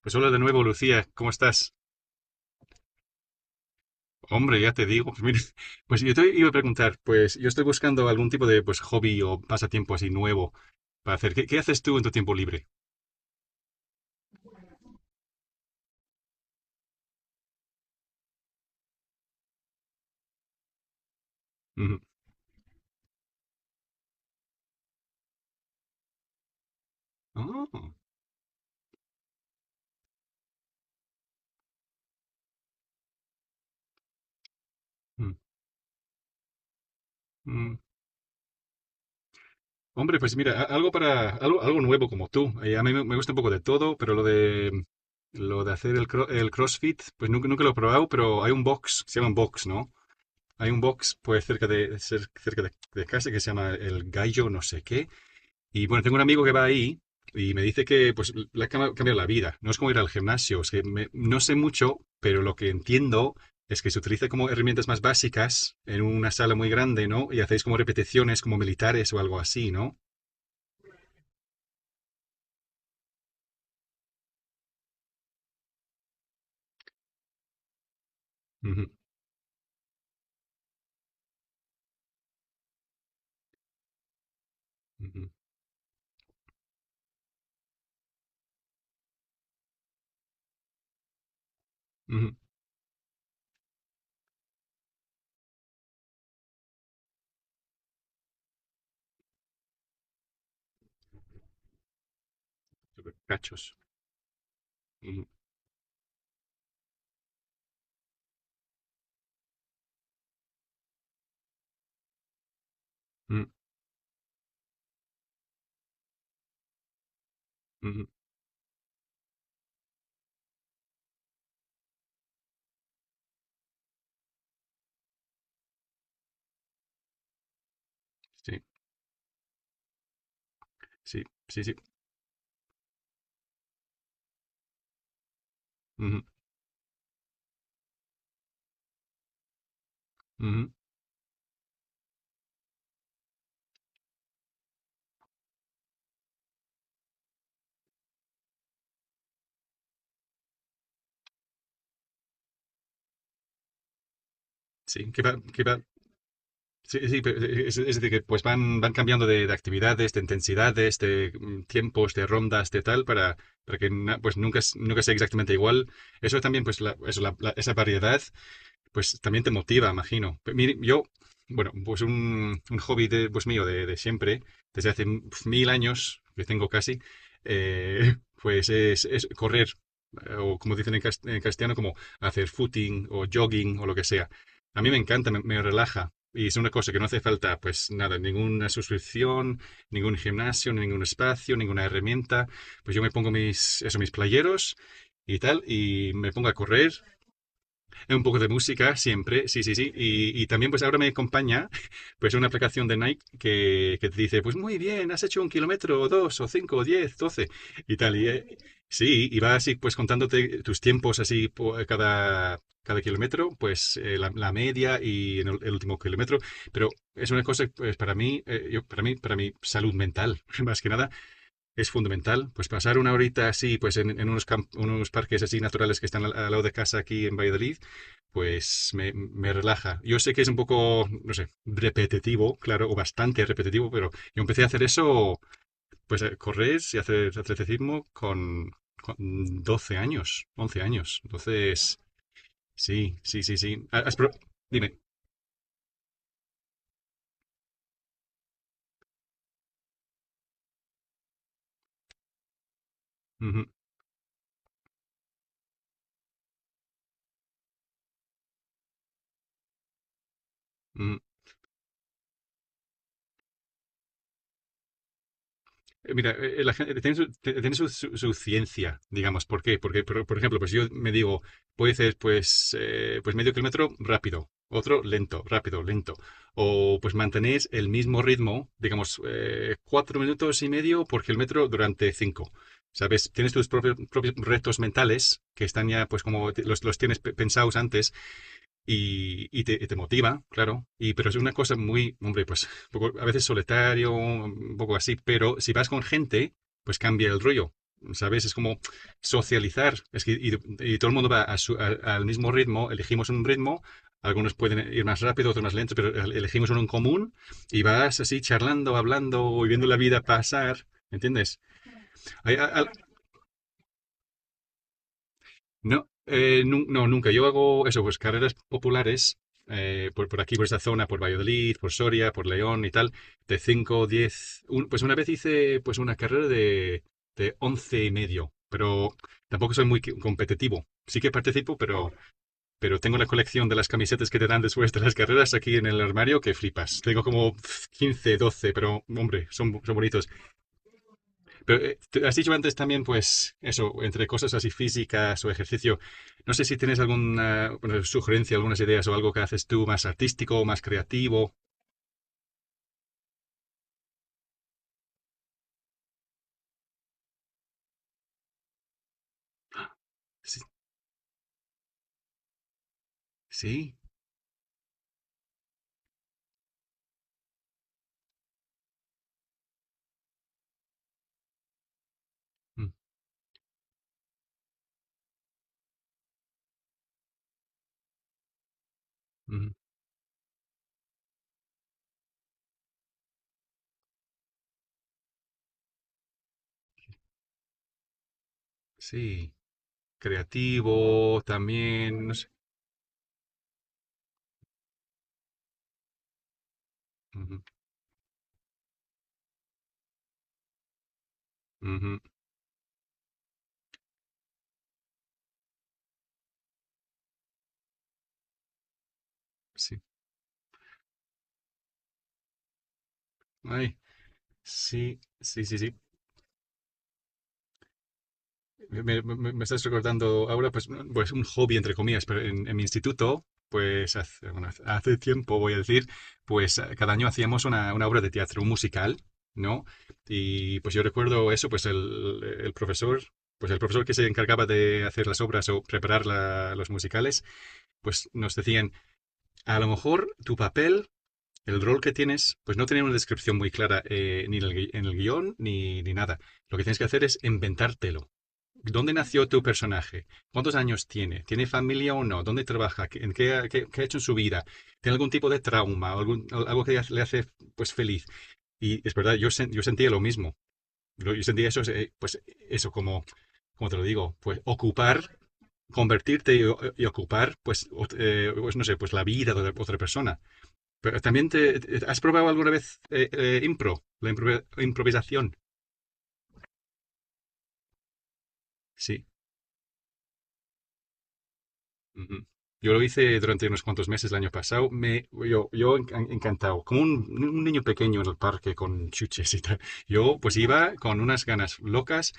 Pues hola de nuevo, Lucía, ¿cómo estás? Hombre, ya te digo, pues mira, pues yo te iba a preguntar, pues yo estoy buscando algún tipo de pues hobby o pasatiempo así nuevo para hacer. ¿Qué, qué haces tú en tu tiempo libre? Ujú. Oh, mm, mm. Hombre, pues mira, algo para algo, algo nuevo como tú. A mí me gusta un poco de todo, pero lo de hacer el CrossFit, pues nunca, nunca lo he probado, pero hay un box, se llama un box, ¿no? Hay un box pues cerca de cerca de casa que se llama el Gallo no sé qué. Y bueno, tengo un amigo que va ahí y me dice que pues le ha cambiado la vida. No es como ir al gimnasio, es que no sé mucho, pero lo que entiendo es que se utiliza como herramientas más básicas en una sala muy grande, ¿no? Y hacéis como repeticiones como militares o algo así, ¿no? Ujú, ujú, ujú. Súper Cachos. Ujú, ujú, ujú. Sí, sí, sí, sí. Ujú, ujú. Sí, que va, que va. Sí, sí, pero es decir, que pues van, van cambiando de actividades, de intensidades, de este, tiempos, de rondas, de tal, para que pues nunca, nunca sea exactamente igual. Eso también, pues la, eso, esa variedad pues también te motiva, imagino. Mire, yo, bueno, pues un hobby de, pues mío de siempre, desde hace pf, mil años, que tengo casi, eh, pues es correr, o como dicen en, en castellano, como hacer footing o jogging o lo que sea. A mí me encanta, me relaja. Y es una cosa que no hace falta, pues nada, ninguna suscripción, ningún gimnasio, ningún espacio, ninguna herramienta. Pues yo me pongo mis, eso, mis playeros y tal, y me pongo a correr un poco de música siempre, sí, sí, sí. Y también pues ahora me acompaña pues una aplicación de Nike que te dice, pues muy bien, has hecho un kilómetro o dos o cinco o diez, doce y tal. Y, sí, y va así pues contándote tus tiempos así por cada, cada kilómetro, pues la, la, media y en el, último kilómetro. Pero es una cosa pues para mí, yo, para mí, para mi salud mental, más que nada, es fundamental. Pues pasar una horita así, pues en unos, unos parques así naturales que están al, al lado de casa aquí en Valladolid, pues me relaja. Yo sé que es un poco, no sé, repetitivo, claro, o bastante repetitivo, pero yo empecé a hacer eso, pues a correr y hacer atletismo con 12 años, 11 años. Entonces, sí, sí, sí, sí. Ah, has dime. Ujú, ujú. Mira, la gente tiene, su, tiene su ciencia, digamos. ¿Por qué? Porque, por ejemplo, pues yo me digo, puede ser pues, pues medio kilómetro rápido, otro lento, rápido, lento. O pues mantenéis el mismo ritmo, digamos, cuatro minutos y medio por kilómetro durante cinco. ¿Sabes? Tienes tus propios, propios retos mentales que están ya, pues como los tienes pensados antes y te motiva, claro. Y, pero es una cosa muy, hombre, pues un poco, a veces solitario, un poco así, pero si vas con gente, pues cambia el rollo, ¿sabes? Es como socializar. Es que, y todo el mundo va a al mismo ritmo, elegimos un ritmo, algunos pueden ir más rápido, otros más lentos, pero elegimos uno en común y vas así charlando, hablando y viendo la vida pasar, ¿entiendes? Hay no, no, nunca. Yo hago eso, pues carreras populares por aquí, por esta zona, por Valladolid, por Soria, por León y tal, de 5 10. Pues una vez hice pues una carrera de 11 y medio, pero tampoco soy muy competitivo. Sí que participo, pero tengo la colección de las camisetas que te dan después de las carreras aquí en el armario que flipas. Tengo como 15 12 pero hombre, son, son bonitos. Pero has dicho antes también, pues, eso, entre cosas así físicas o ejercicio, no sé si tienes alguna bueno, sugerencia, algunas ideas o algo que haces tú más artístico, más creativo. Sí, sí, mm, mm, sí, creativo también, no sé. Ujú, ujú, sí, ay, sí, sí, sí, sí. Me estás recordando ahora, pues, pues un hobby entre comillas, pero en mi instituto, pues hace, bueno, hace tiempo voy a decir, pues cada año hacíamos una obra de teatro, un musical, ¿no? Y pues yo recuerdo eso, pues el profesor, pues el profesor que se encargaba de hacer las obras o preparar los musicales, pues nos decían, a lo mejor tu papel, el rol que tienes, pues no tenía una descripción muy clara ni en el, en el guión ni, ni nada. Lo que tienes que hacer es inventártelo. ¿Dónde nació tu personaje? ¿Cuántos años tiene? ¿Tiene familia o no? ¿Dónde trabaja? En qué, qué ha hecho en su vida? ¿Tiene algún tipo de trauma? Algo que le hace pues, feliz? Y es verdad, yo, yo sentía lo mismo. Yo sentía eso, pues eso como, como te lo digo, pues ocupar, convertirte y, y ocupar, pues, pues, no sé, pues la vida de otra persona. Pero también te, ¿has probado alguna vez improvisación? Sí. Ujú. Yo lo hice durante unos cuantos meses el año pasado. Me, yo encantado, como un niño pequeño en el parque con chuches y tal. Yo pues iba con unas ganas locas,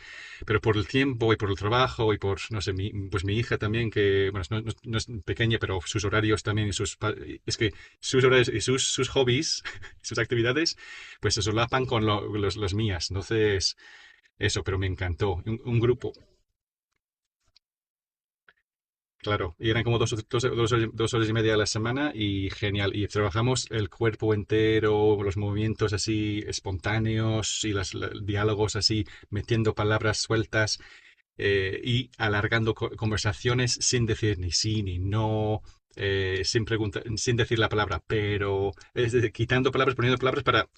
pero por el tiempo y por el trabajo y por, no sé, mi, pues mi hija también, que, bueno, no, no es pequeña, pero sus horarios también y sus, es que sus horarios y sus, sus hobbies, sus actividades, pues se solapan con los, las mías. Entonces, eso, pero me encantó. Un grupo. Claro, y eran como dos, dos, dos horas y media a la semana y genial. Y trabajamos el cuerpo entero, los movimientos así espontáneos y los diálogos así, metiendo palabras sueltas y alargando conversaciones sin decir ni sí ni no, sin sin decir la palabra pero, es decir, quitando palabras, poniendo palabras para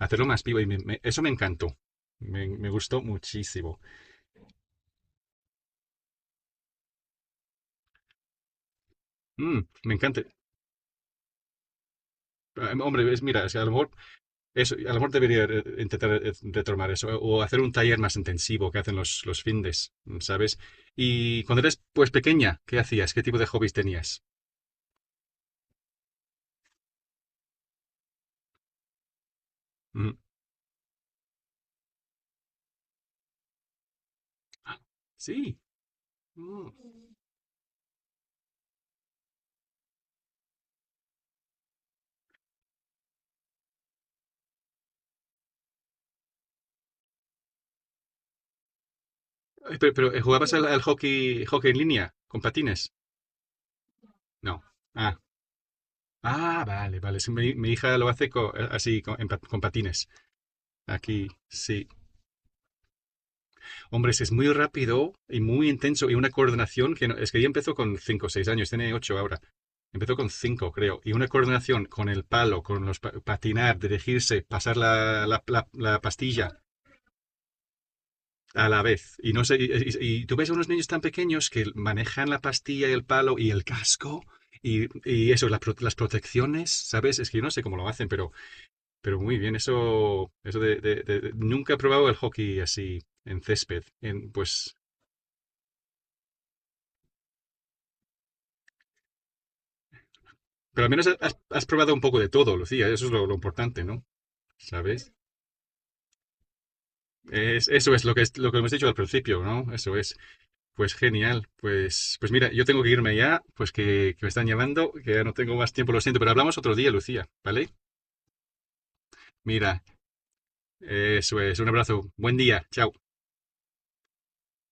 hacerlo más vivo. Y eso me encantó, me gustó muchísimo. Mm, me encanta. Ah, hombre, es, mira, es que a lo mejor eso, a lo mejor debería intentar retomar eso o hacer un taller más intensivo que hacen los findes, ¿sabes? Y cuando eres pues pequeña, ¿qué hacías? ¿Qué tipo de hobbies tenías? Mm. Ah, sí. Mm. Ay, pero, ¿jugabas al, al hockey, hockey en línea con patines? No. Ah, ah, vale, vale. Sí, mi hija lo hace así con, en con patines. Aquí, sí. Hombre, es muy rápido y muy intenso y una coordinación que es que ya empezó con 5 o 6 años, tiene 8 ahora. Empezó con 5, creo. Y una coordinación con el palo, con los patinar, dirigirse, pasar la, la pastilla a la vez. Y no sé, y, y tú ves a unos niños tan pequeños que manejan la pastilla y el palo y el casco y eso, la las protecciones, ¿sabes? Es que yo no sé cómo lo hacen, pero muy bien. Eso de, nunca he probado el hockey así en césped. En, pues pero al menos has, has probado un poco de todo, Lucía. Eso es lo importante, ¿no? ¿Sabes? Eso es lo que, lo que hemos dicho al principio, ¿no? Eso es. Pues genial. Pues, pues mira, yo tengo que irme ya, pues que me están llamando, que ya no tengo más tiempo, lo siento, pero hablamos otro día, Lucía, ¿vale? Mira, eso es. Un abrazo. Buen día. Chao.